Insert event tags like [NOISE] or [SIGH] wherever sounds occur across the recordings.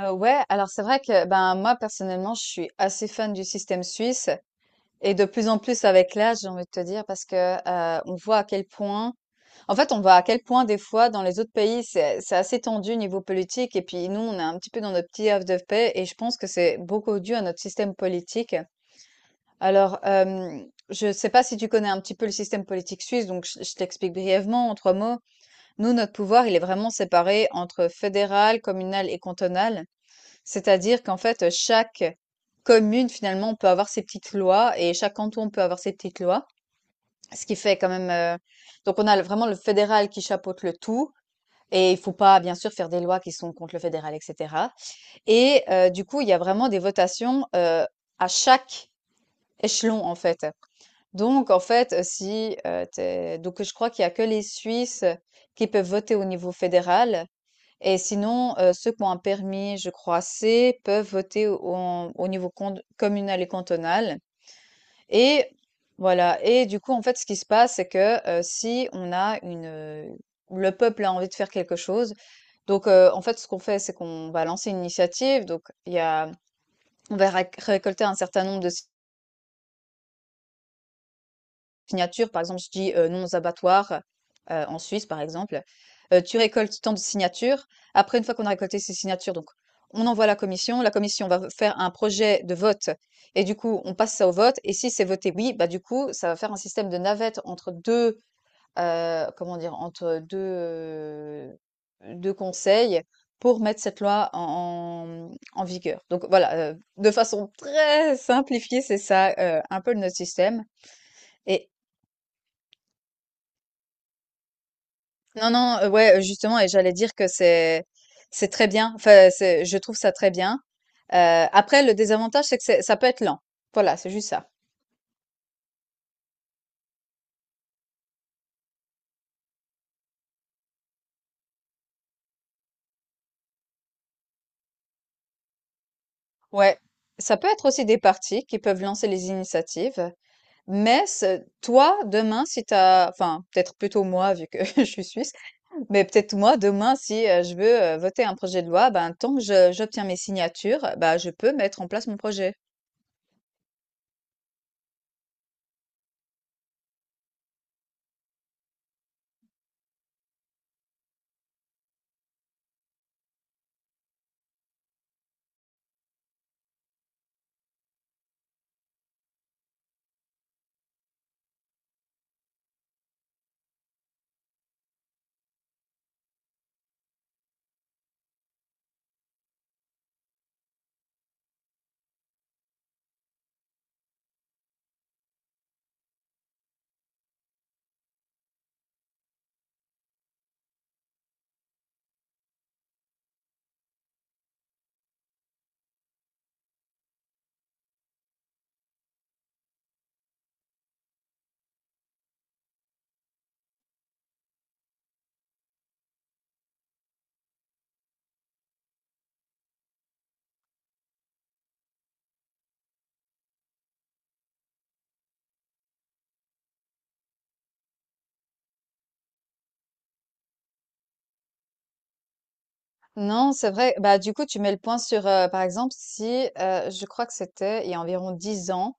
Ouais, alors c'est vrai que moi personnellement, je suis assez fan du système suisse et de plus en plus avec l'âge, j'ai envie de te dire parce que on voit à quel point, en fait, on voit à quel point des fois dans les autres pays, c'est assez tendu niveau politique et puis nous, on est un petit peu dans notre petit havre de paix et je pense que c'est beaucoup dû à notre système politique. Alors, euh, je sais pas si tu connais un petit peu le système politique suisse, donc je t'explique brièvement en trois mots. Nous, notre pouvoir, il est vraiment séparé entre fédéral, communal et cantonal. C'est-à-dire qu'en fait, chaque commune, finalement, peut avoir ses petites lois et chaque canton peut avoir ses petites lois. Ce qui fait quand même. Donc, on a vraiment le fédéral qui chapeaute le tout. Et il faut pas, bien sûr, faire des lois qui sont contre le fédéral, etc. Et du coup, il y a vraiment des votations à chaque échelon, en fait. Donc, en fait, si. T'es- donc, je crois qu'il y a que les Suisses qui peuvent voter au niveau fédéral. Et sinon, ceux qui ont un permis, je crois C, peuvent voter au, en au niveau cond communal et cantonal, et voilà. Et du coup, en fait, ce qui se passe, c'est que, si on a une, le peuple a envie de faire quelque chose, donc en fait, ce qu'on fait, c'est qu'on va lancer une initiative, donc il y a on va récolter un certain nombre de signatures. Par exemple, je dis non aux abattoirs en Suisse, par exemple. Tu récoltes tant de signatures. Après, une fois qu'on a récolté ces signatures, donc on envoie à la commission. La commission va faire un projet de vote, et du coup, on passe ça au vote. Et si c'est voté oui, du coup, ça va faire un système de navette entre deux, comment dire, entre deux, deux conseils pour mettre cette loi en vigueur. Donc voilà, de façon très simplifiée, c'est ça un peu notre système. Et Non, non, ouais, justement, et j'allais dire que c'est très bien. Enfin, c'est, je trouve ça très bien. Après, le désavantage, c'est que ça peut être lent. Voilà, c'est juste ça. Ouais. Ça peut être aussi des partis qui peuvent lancer les initiatives, mais toi, demain, si t'as, enfin, peut-être plutôt moi, vu que [LAUGHS] je suis suisse, mais peut-être moi, demain, si je veux voter un projet de loi, tant que j'obtiens mes signatures, je peux mettre en place mon projet. Non, c'est vrai. Du coup, tu mets le point sur, par exemple, si je crois que c'était il y a environ 10 ans,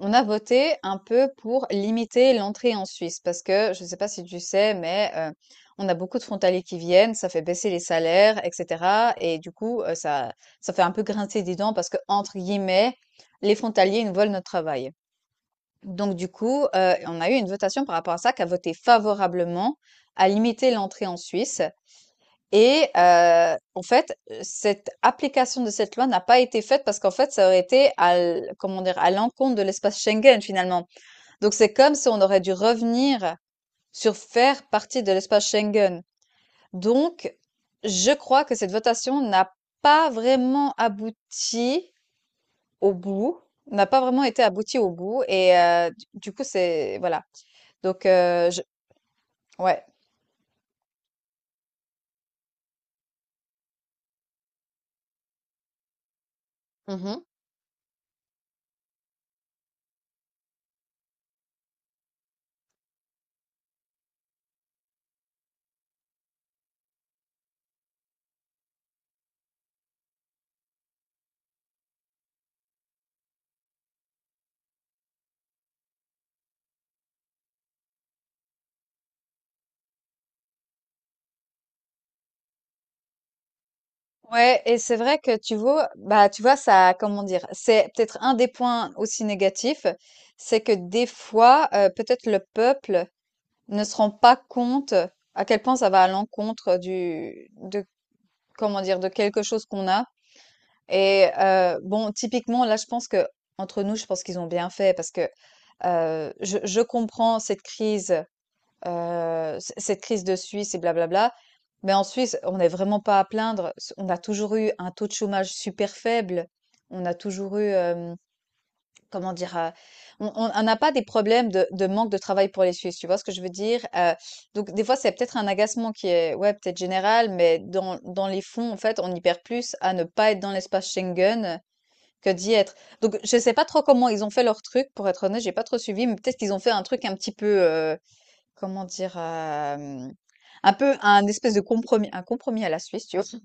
on a voté un peu pour limiter l'entrée en Suisse parce que je ne sais pas si tu sais, mais on a beaucoup de frontaliers qui viennent, ça fait baisser les salaires, etc. Et du coup, ça fait un peu grincer des dents parce que, entre guillemets, les frontaliers nous volent notre travail. Donc du coup, on a eu une votation par rapport à ça qui a voté favorablement à limiter l'entrée en Suisse. Et en fait, cette application de cette loi n'a pas été faite parce qu'en fait, ça aurait été à l comment dire? À l'encontre de l'espace Schengen, finalement. Donc c'est comme si on aurait dû revenir sur faire partie de l'espace Schengen. Donc je crois que cette votation n'a pas vraiment abouti au bout, n'a pas vraiment été aboutie au bout et du coup, c'est voilà. Donc je Ouais. Mmh. Ouais, et c'est vrai que tu vois, tu vois ça, comment dire, c'est peut-être un des points aussi négatifs, c'est que des fois, peut-être le peuple ne se rend pas compte à quel point ça va à l'encontre de, comment dire, de quelque chose qu'on a. Et bon, typiquement là, je pense que, entre nous, je pense qu'ils ont bien fait parce que je comprends cette crise, c cette crise de Suisse et blablabla. Mais en Suisse, on n'est vraiment pas à plaindre. S On a toujours eu un taux de chômage super faible. On a toujours eu, comment dire? On n'a pas des problèmes de manque de travail pour les Suisses, tu vois ce que je veux dire? Donc des fois, c'est peut-être un agacement qui est, ouais, peut-être général, mais dans les fonds, en fait, on y perd plus à ne pas être dans l'espace Schengen que d'y être. Donc je sais pas trop comment ils ont fait leur truc, pour être honnête, j'ai pas trop suivi, mais peut-être qu'ils ont fait un truc un petit peu, comment dire? Un peu un espèce de compromis un compromis à la Suisse, tu vois?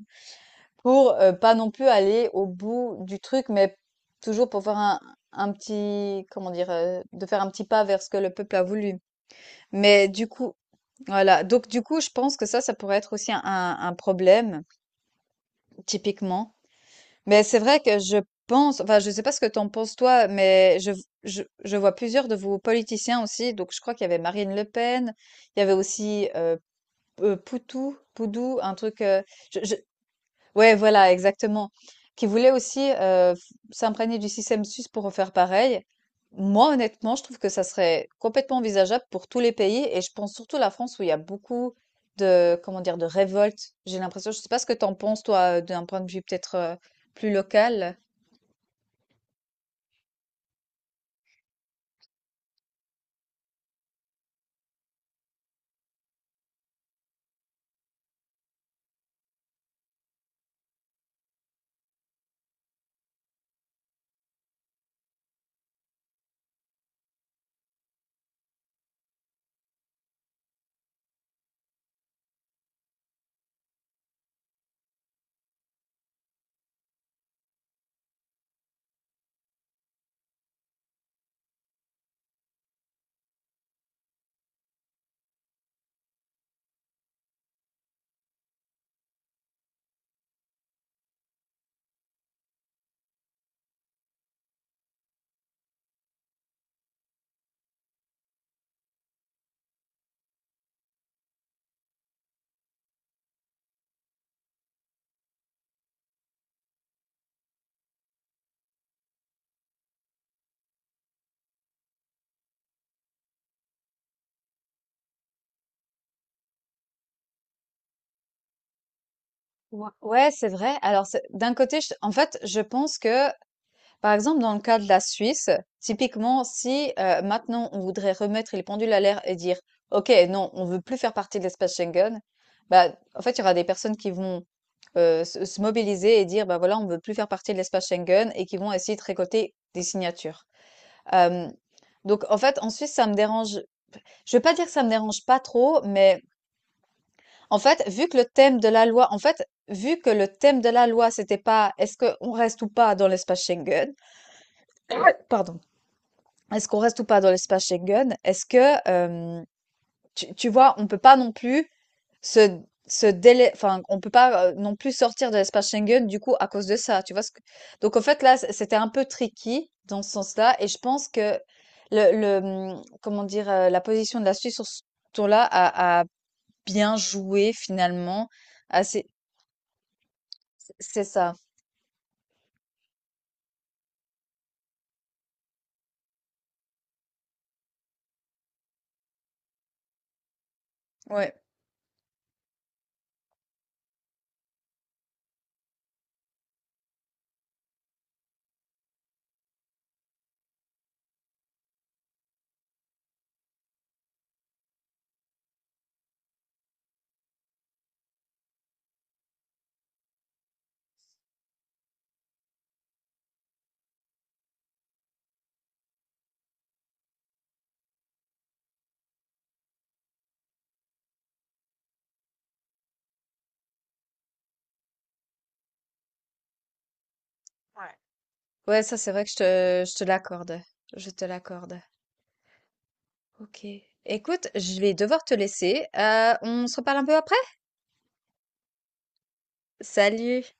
Pour, pas non plus aller au bout du truc, mais toujours pour faire un petit, comment dire? De faire un petit pas vers ce que le peuple a voulu. Mais du coup voilà, donc du coup, je pense que ça pourrait être aussi un problème, typiquement. Mais c'est vrai que je pense, enfin, je sais pas ce que t'en penses toi, mais je vois plusieurs de vos politiciens aussi, donc je crois qu'il y avait Marine Le Pen, il y avait aussi, Poutou, Poudou, un truc, je ouais, voilà, exactement, qui voulait aussi, f s'imprégner du système suisse pour refaire pareil. Moi, honnêtement, je trouve que ça serait complètement envisageable pour tous les pays et je pense surtout à la France où il y a beaucoup de, comment dire, de révolte. J'ai l'impression, je sais pas ce que tu en penses toi, d'un point de vue peut-être, plus local? Ouais. Ouais, c'est vrai. Alors c'est d'un côté, je en fait, je pense que, par exemple, dans le cas de la Suisse, typiquement, si maintenant on voudrait remettre les pendules à l'heure et dire, OK, non, on veut plus faire partie de l'espace Schengen, en fait, il y aura des personnes qui vont se mobiliser et dire, bah voilà, on veut plus faire partie de l'espace Schengen et qui vont essayer de récolter des signatures. Euh, donc, en fait, en Suisse, ça me dérange. Je vais pas dire que ça me dérange pas trop, mais en fait, vu que le thème de la loi, en fait, vu que le thème de la loi, c'était pas est-ce qu'on reste ou pas dans l'espace Schengen, pardon. Est-ce qu'on reste ou pas dans l'espace Schengen? Euh, tu vois, on peut pas non plus se, on peut pas non plus sortir de l'espace Schengen du coup à cause de ça. Tu vois ce que... Donc en fait là, c'était un peu tricky dans ce sens-là, et je pense que comment dire, la position de la Suisse sur ce tour-là a bien joué finalement. Ah, c'est, c'est ça. Ouais, Ouais. Ouais, ça c'est vrai que je te l'accorde. Je te l'accorde. Ok. Écoute, je vais devoir te laisser. On se reparle un peu après? Salut!